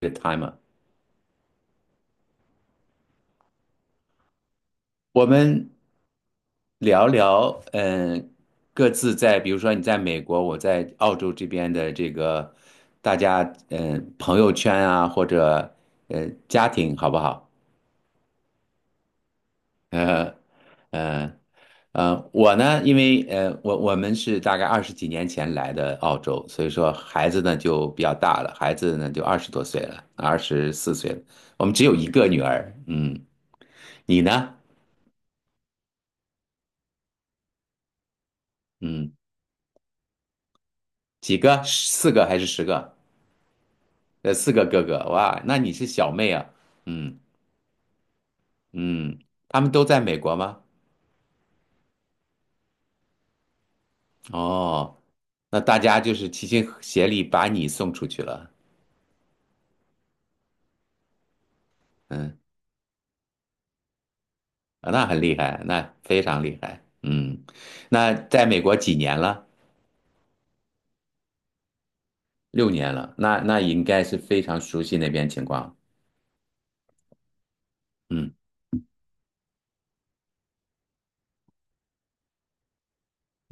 这个 time 我们聊聊，各自在，比如说你在美国，我在澳洲这边的这个，大家，朋友圈啊，或者，家庭，好不好？呃，呃，我呢，因为，我们是大概20多年前来的澳洲，所以说孩子呢就比较大了，孩子呢就20多岁了，24岁了，我们只有一个女儿，嗯，你呢？嗯。几个？四个还是十个？四个哥哥，哇，那你是小妹啊？嗯。嗯，他们都在美国吗？哦，那大家就是齐心协力把你送出去了。嗯。啊，那很厉害，那非常厉害。嗯。那在美国几年了？六年了，那应该是非常熟悉那边情况。嗯，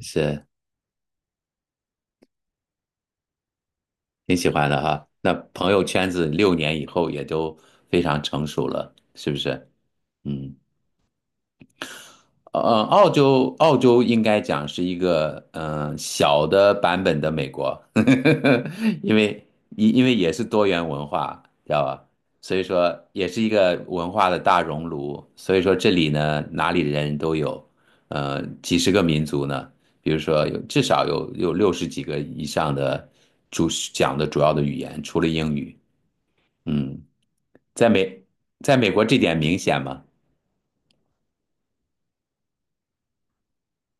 是挺喜欢的哈。那朋友圈子六年以后也都非常成熟了，是不是？嗯。澳洲应该讲是一个小的版本的美国，因为因为也是多元文化，知道吧？所以说也是一个文化的大熔炉。所以说这里呢，哪里的人都有，几十个民族呢。比如说至少有60多个以上的主讲的主要的语言，除了英语。嗯。在美在美国这点明显吗？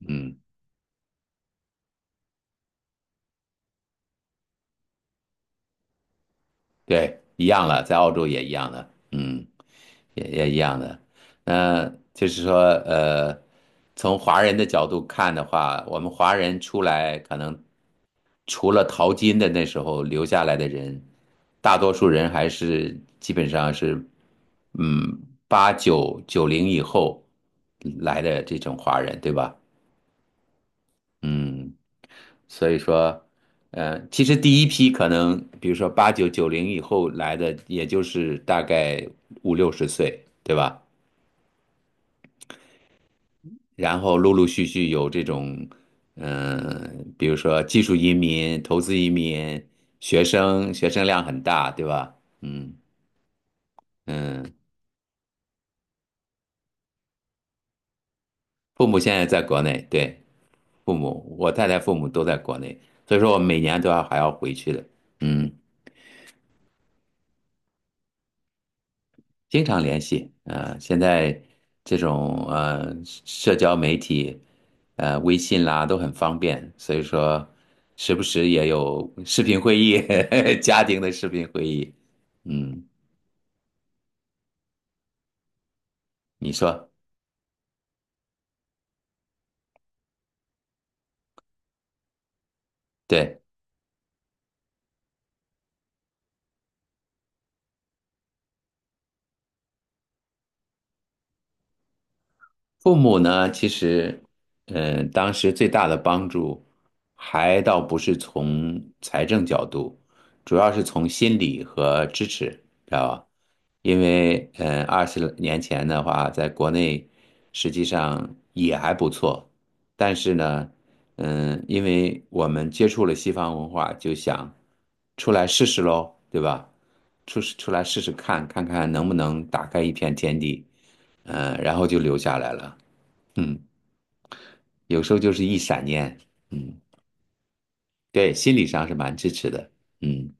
嗯。对，一样了，在澳洲也一样的，嗯，也一样的。那就是说，呃，从华人的角度看的话，我们华人出来可能除了淘金的那时候留下来的人，大多数人还是基本上是，嗯，八九九零以后来的这种华人，对吧？嗯，所以说，其实第一批可能，比如说八九九零以后来的，也就是大概五六十岁，对吧？然后陆陆续续有这种，比如说技术移民、投资移民、学生，学生量很大，对吧？嗯。嗯，父母现在在国内，对，父母，我太太父母都在国内，所以说我每年都要还要回去的，嗯。经常联系，现在这种社交媒体，微信啦都很方便，所以说时不时也有视频会议，家庭的视频会议，嗯。你说。对。父母呢，其实，嗯，当时最大的帮助，还倒不是从财政角度，主要是从心理和支持，知道吧？因为，嗯，20年前的话，在国内实际上也还不错，但是呢，嗯，因为我们接触了西方文化，就想出来试试喽，对吧？出来试试看，看看能不能打开一片天地，嗯，然后就留下来了。嗯，有时候就是一闪念。嗯。对，心理上是蛮支持的，嗯。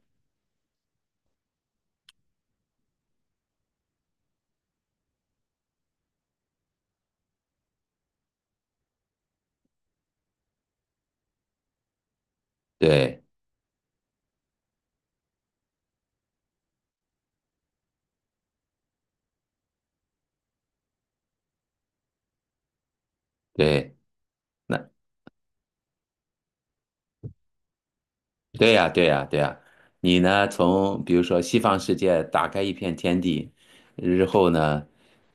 对对，那对呀，对呀，对呀。你呢？从比如说西方世界打开一片天地，日后呢，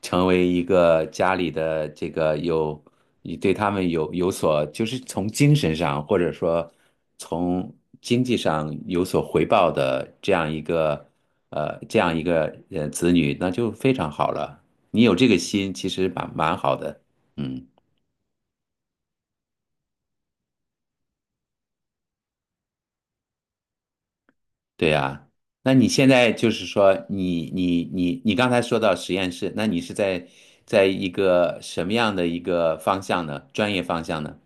成为一个家里的这个有，你对他们有所，就是从精神上或者说从经济上有所回报的这样一个，这样一个子女，那就非常好了。你有这个心，其实蛮好的。嗯。对呀，那你现在就是说，你刚才说到实验室，那你是在一个什么样的一个方向呢？专业方向呢？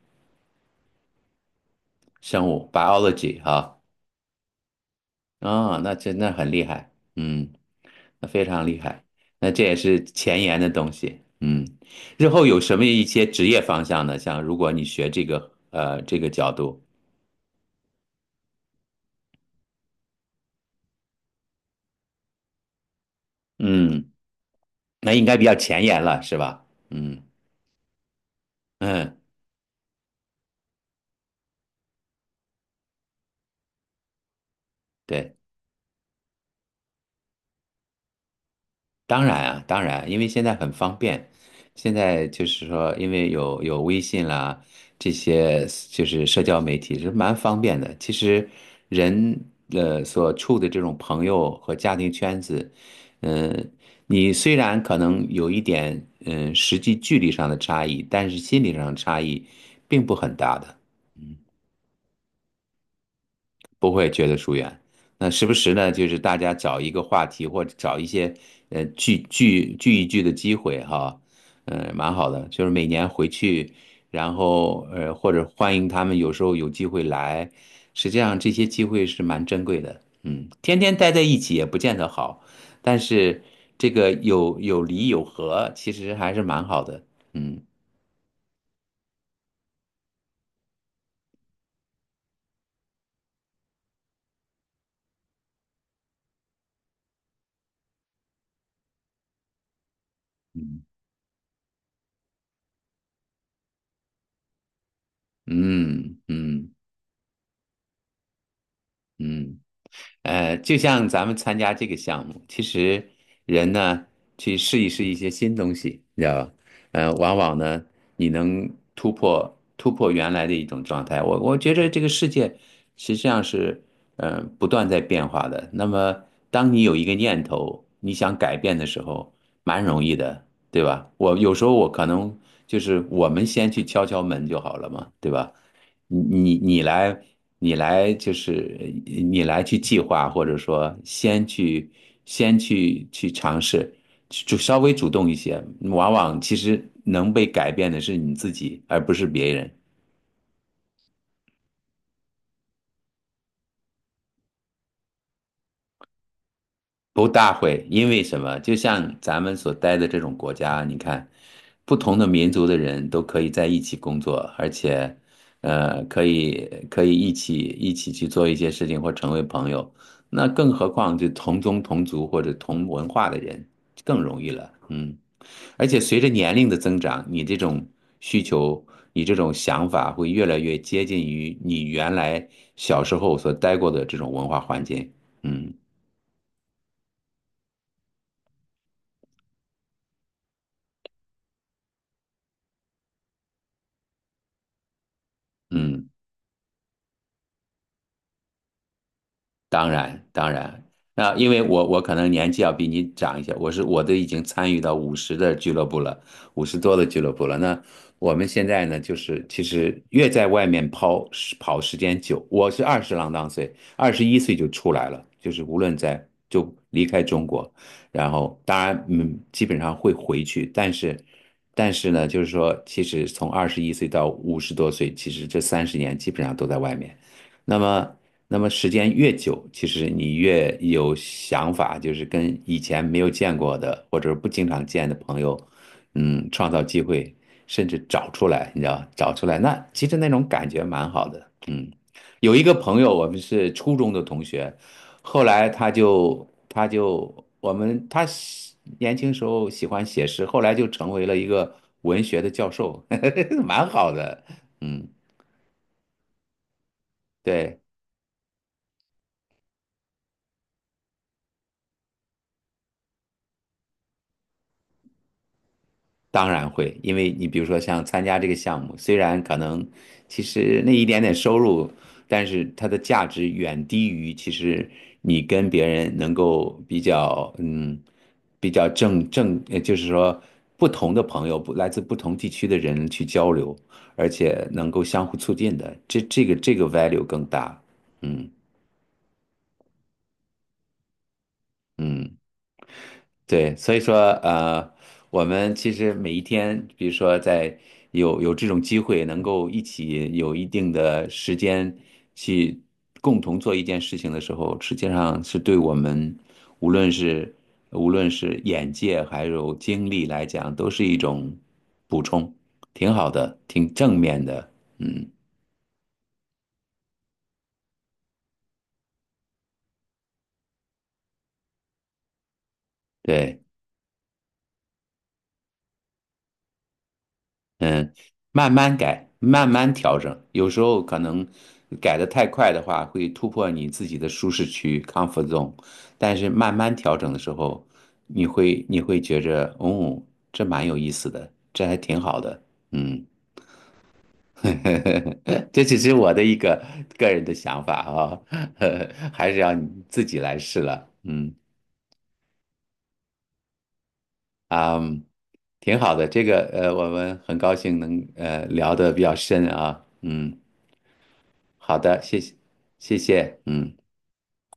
生物 biology 哈。啊，那真的很厉害，嗯，那非常厉害，那这也是前沿的东西，嗯，日后有什么一些职业方向呢？像如果你学这个这个角度，嗯，那应该比较前沿了，是吧？嗯。嗯。对。当然啊，当然，因为现在很方便，现在就是说，因为有微信啦，这些就是社交媒体是蛮方便的。其实人所处的这种朋友和家庭圈子，嗯、你虽然可能有一点实际距离上的差异，但是心理上的差异并不很大的。不会觉得疏远。那时不时呢，就是大家找一个话题，或者找一些聚一聚的机会哈，蛮好的。就是每年回去，然后或者欢迎他们，有时候有机会来，实际上这些机会是蛮珍贵的。嗯，天天待在一起也不见得好，但是这个有离有合，其实还是蛮好的。嗯。嗯。嗯。嗯。就像咱们参加这个项目，其实人呢去试一试一些新东西，你知道吧？往往呢你能突破原来的一种状态。我觉得这个世界实际上是不断在变化的。那么当你有一个念头你想改变的时候，蛮容易的，对吧？我有时候我可能就是我们先去敲敲门就好了嘛，对吧？你你来，你来就是呃你来去计划，或者说先去去尝试，去就稍微主动一些，往往其实能被改变的是你自己，而不是别人。不大会，因为什么？就像咱们所待的这种国家，你看，不同的民族的人都可以在一起工作，而且，可以一起去做一些事情或成为朋友。那更何况就同宗同族或者同文化的人更容易了，嗯。而且随着年龄的增长，你这种需求，你这种想法会越来越接近于你原来小时候所待过的这种文化环境。嗯。嗯。当然，当然，那因为我可能年纪要比你长一些，我都已经参与到五十的俱乐部了，五十多的俱乐部了。那我们现在呢，就是其实越在外面抛时跑时间久，我是二十郎当岁，二十一岁就出来了，就是无论在离开中国，然后当然嗯，基本上会回去，但是呢，就是说，其实从二十一岁到五十多岁，其实这30年基本上都在外面。那么，时间越久，其实你越有想法，就是跟以前没有见过的或者不经常见的朋友，嗯，创造机会，甚至找出来，你知道，找出来，那其实那种感觉蛮好的。嗯。有一个朋友，我们是初中的同学，后来他就我们他喜年轻时候喜欢写诗，后来就成为了一个文学的教授，蛮好的。嗯。对。当然会，因为你比如说像参加这个项目，虽然可能其实那一点点收入，但是它的价值远低于其实你跟别人能够比较，嗯，比较正，就是说不同的朋友，不来自不同地区的人去交流，而且能够相互促进的，这个 value 更大。嗯。嗯。对，所以说呃，我们其实每一天，比如说在有这种机会，能够一起有一定的时间去共同做一件事情的时候，实际上是对我们无论是无论是眼界还有精力来讲，都是一种补充，挺好的，挺正面的。嗯。对。嗯，慢慢改，慢慢调整，有时候可能改得太快的话，会突破你自己的舒适区 com zone)。但是慢慢调整的时候，你会觉着，哦，这蛮有意思的，这还挺好的。嗯。这只是我的一个个人的想法啊，还是要你自己来试了。嗯。啊，挺好的，这个我们很高兴能聊得比较深啊。嗯。好的，谢谢，谢谢，嗯。